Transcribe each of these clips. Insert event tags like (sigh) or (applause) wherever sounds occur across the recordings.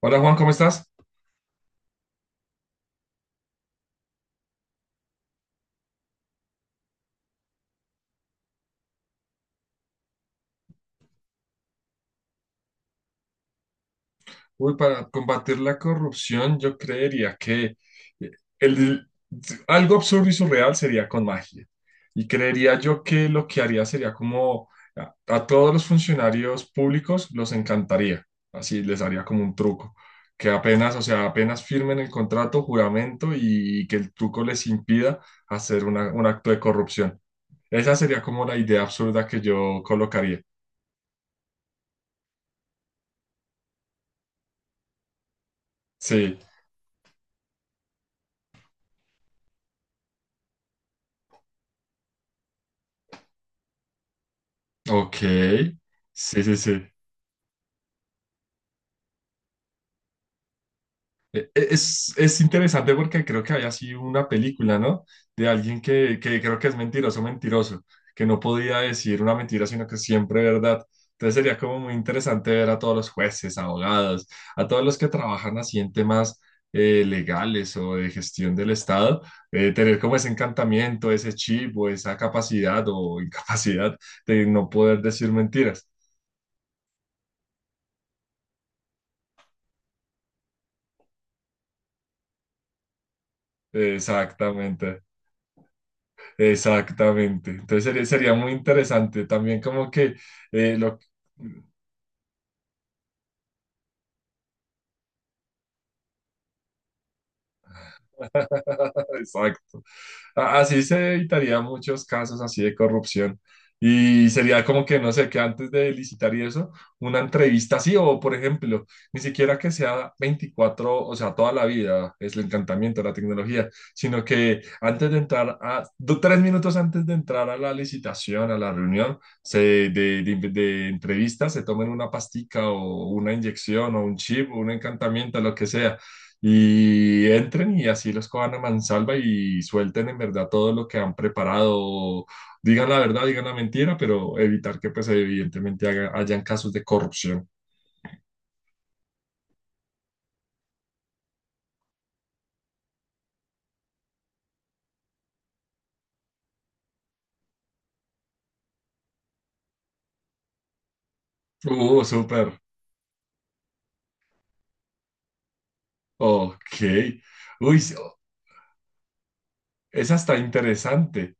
Hola Juan, ¿cómo estás? Uy, para combatir la corrupción, yo creería que eh, el, algo absurdo y surreal sería con magia. Y creería yo que lo que haría sería como a todos los funcionarios públicos los encantaría. Así les haría como un truco. Que apenas, o sea, apenas firmen el contrato, juramento y, que el truco les impida hacer un acto de corrupción. Esa sería como la idea absurda que yo colocaría. Sí, ok. Sí, sí, sí. Es interesante porque creo que había sido una película, ¿no? De alguien que creo que es mentiroso, mentiroso, que no podía decir una mentira, sino que siempre verdad. Entonces sería como muy interesante ver a todos los jueces, abogados, a todos los que trabajan así en temas legales o de gestión del Estado, tener como ese encantamiento, ese chip o esa capacidad o (laughs) incapacidad de no poder decir mentiras. Exactamente. Exactamente. Entonces sería muy interesante también como que eh, lo... (laughs) Exacto. Así se evitaría muchos casos así de corrupción. Y sería como que, no sé, que antes de licitar y eso, una entrevista así, o por ejemplo, ni siquiera que sea 24 o sea, toda la vida, es el encantamiento de la tecnología, sino que antes de entrar 3 minutos antes de entrar a la licitación, a la reunión se, de entrevista, se tomen una pastica o una inyección o un chip o un encantamiento, lo que sea y entren y así los cojan a mansalva y suelten en verdad todo lo que han preparado. Digan la verdad, digan la mentira, pero evitar que pues evidentemente hayan casos de corrupción. Súper. Ok. Uy, sí, oh, esa está interesante.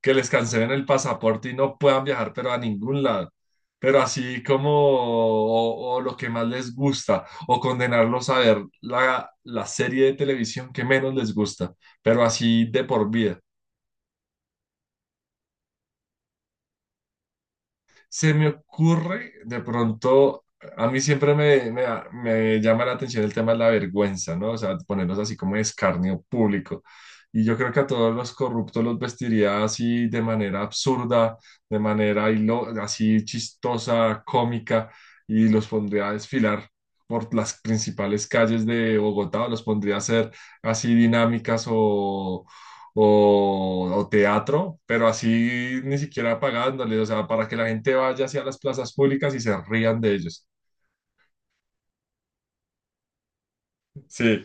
Que les cancelen el pasaporte y no puedan viajar, pero a ningún lado. Pero así como o lo que más les gusta, o condenarlos a ver la serie de televisión que menos les gusta, pero así de por vida. Se me ocurre, de pronto, a mí siempre me llama la atención el tema de la vergüenza, ¿no? O sea, ponerlos así como de escarnio público. Y yo creo que a todos los corruptos los vestiría así de manera absurda, de manera así chistosa, cómica, y los pondría a desfilar por las principales calles de Bogotá, o los pondría a hacer así dinámicas o teatro, pero así ni siquiera pagándole, o sea, para que la gente vaya hacia las plazas públicas y se rían de ellos. Sí.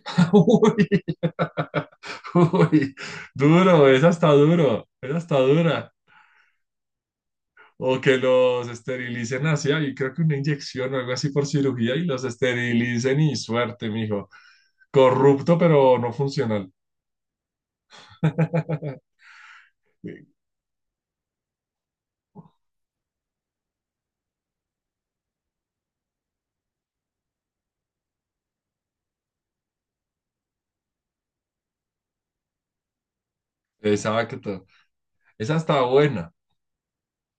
(laughs) Uy, uy, duro, esa está dura. O que los esterilicen así, y creo que una inyección o algo así por cirugía y los esterilicen y suerte, mijo. Corrupto, pero no funcional. (laughs) Exacto. Esa está buena.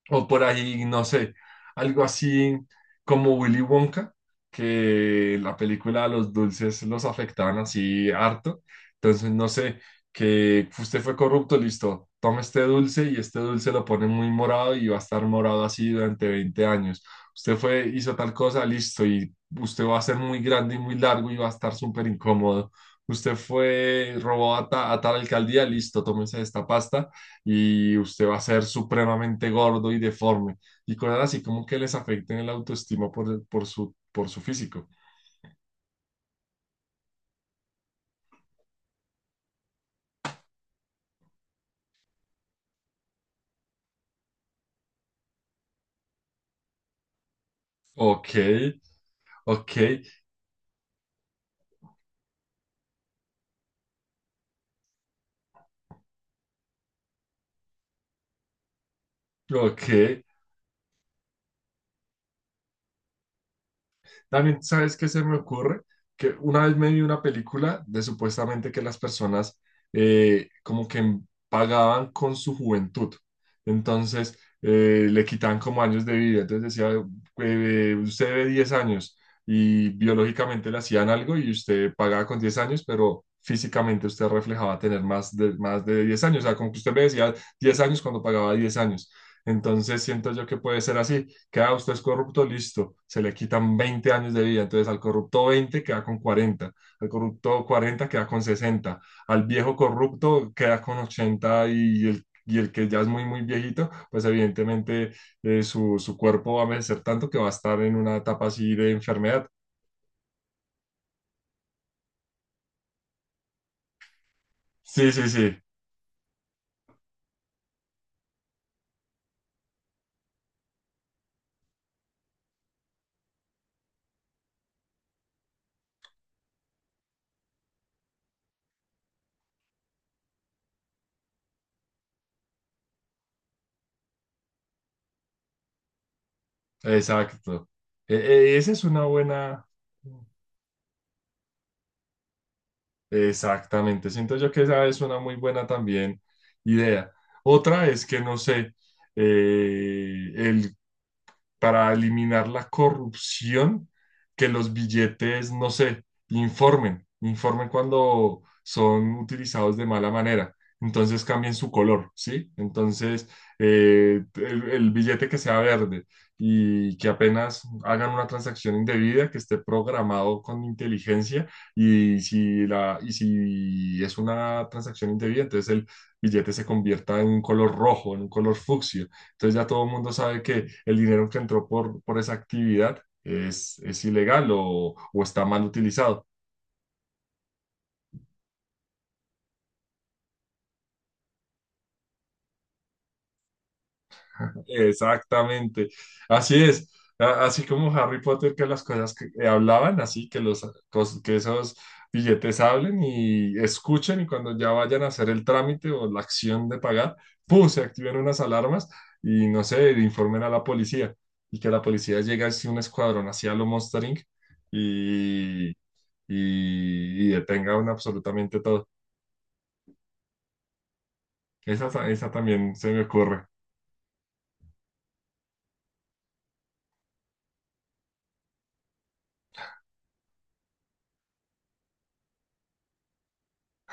O por ahí, no sé, algo así como Willy Wonka, que la película de los dulces los afectaban así harto. Entonces, no sé, que usted fue corrupto, listo, toma este dulce y este dulce lo pone muy morado y va a estar morado así durante 20 años. Usted fue, hizo tal cosa, listo, y usted va a ser muy grande y muy largo y va a estar súper incómodo. Usted fue, robó a tal alcaldía, listo, tómese esta pasta y usted va a ser supremamente gordo y deforme y cosas así como que les afecten el autoestima por su físico. Ok, ok, ok. También, ¿sabes qué se me ocurre? Que una vez me vi una película de supuestamente que las personas como que pagaban con su juventud. Entonces, le quitaban como años de vida. Entonces decía, usted debe 10 años y biológicamente le hacían algo y usted pagaba con 10 años, pero físicamente usted reflejaba tener más de 10 años. O sea, como que usted me decía 10 años cuando pagaba 10 años. Entonces siento yo que puede ser así, queda usted es corrupto, listo, se le quitan 20 años de vida, entonces al corrupto 20 queda con 40 al corrupto 40 queda con 60 al viejo corrupto queda con 80 y el que ya es muy, muy viejito, pues evidentemente su cuerpo va a envejecer tanto que va a estar en una etapa así de enfermedad. Sí, sí, sí, exacto. Esa es una buena. Exactamente, siento yo que esa es una muy buena también idea. Otra es que, no sé, el para eliminar la corrupción, que los billetes, no sé, informen cuando son utilizados de mala manera. Entonces cambien su color, ¿sí? Entonces, el billete que sea verde y que apenas hagan una transacción indebida, que esté programado con inteligencia y si es una transacción indebida, entonces el billete se convierta en un color rojo, en un color fucsia entonces ya todo el mundo sabe que el dinero que entró por esa actividad es ilegal o está mal utilizado. Exactamente. Así es. Así como Harry Potter, que las cosas que hablaban, así que, que esos billetes hablen y escuchen y cuando ya vayan a hacer el trámite o la acción de pagar, ¡pum! Se activen unas alarmas y no sé, informen a la policía y que la policía llegue así un escuadrón hacia lo Monster Inc. y y detengan absolutamente todo. Esa también se me ocurre.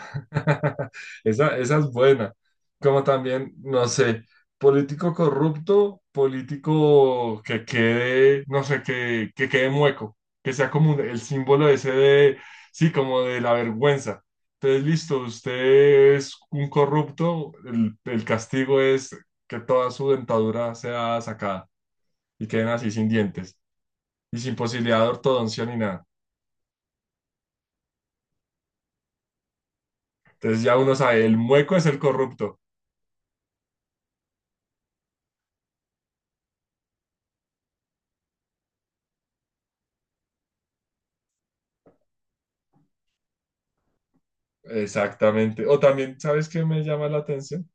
(laughs) Esa es buena. Como también, no sé, político corrupto, político que quede, no sé, que quede mueco, que sea como el símbolo ese de, sí, como de la vergüenza. Entonces, listo, usted es un corrupto, el castigo es que toda su dentadura sea sacada y queden así sin dientes y sin posibilidad de ortodoncia ni nada. Entonces ya uno sabe, el mueco es el corrupto. Exactamente. O también, ¿sabes qué me llama la atención?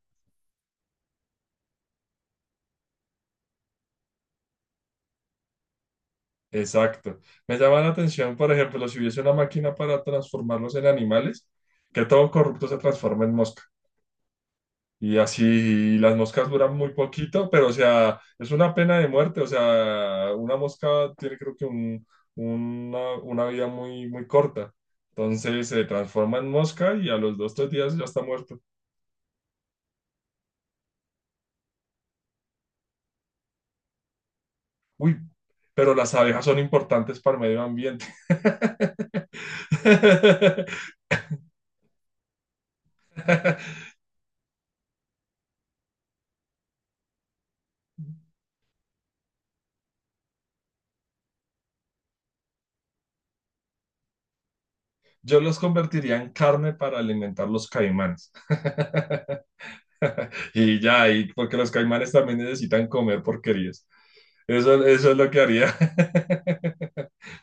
Exacto. Me llama la atención, por ejemplo, si hubiese una máquina para transformarlos en animales, que todo corrupto se transforma en mosca. Y así las moscas duran muy poquito, pero o sea, es una pena de muerte. O sea, una mosca tiene creo que una vida muy, muy corta. Entonces se transforma en mosca y a los 2, 3 días ya está muerta. Uy, pero las abejas son importantes para el medio ambiente. (laughs) Yo los convertiría en carne para alimentar los caimanes. Y ya, y porque los caimanes también necesitan comer porquerías. Eso es lo que haría (laughs)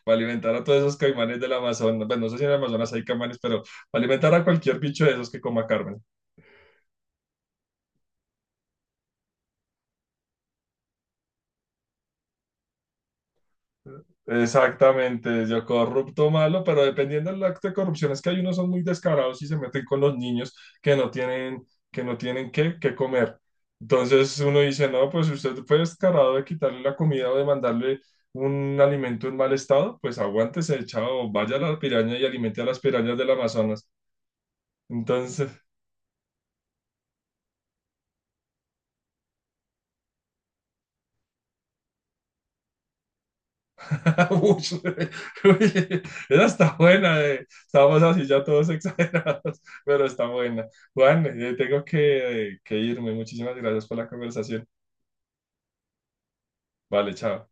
para alimentar a todos esos caimanes del Amazonas. Bueno, no sé si en el Amazonas hay caimanes, pero para alimentar a cualquier bicho de esos que coma carne. Exactamente, yo corrupto malo, pero dependiendo del acto de corrupción, es que hay unos son muy descarados y se meten con los niños que no tienen qué comer. Entonces uno dice, no, pues si usted fue descarado de quitarle la comida o de mandarle un alimento en mal estado, pues aguántese, chao, vaya a la piraña y alimente a las pirañas del Amazonas. Entonces, (laughs) Uy, uy, esa está buena. Estamos así ya todos (laughs) exagerados, pero está buena. Juan, tengo que irme. Muchísimas gracias por la conversación. Vale, chao.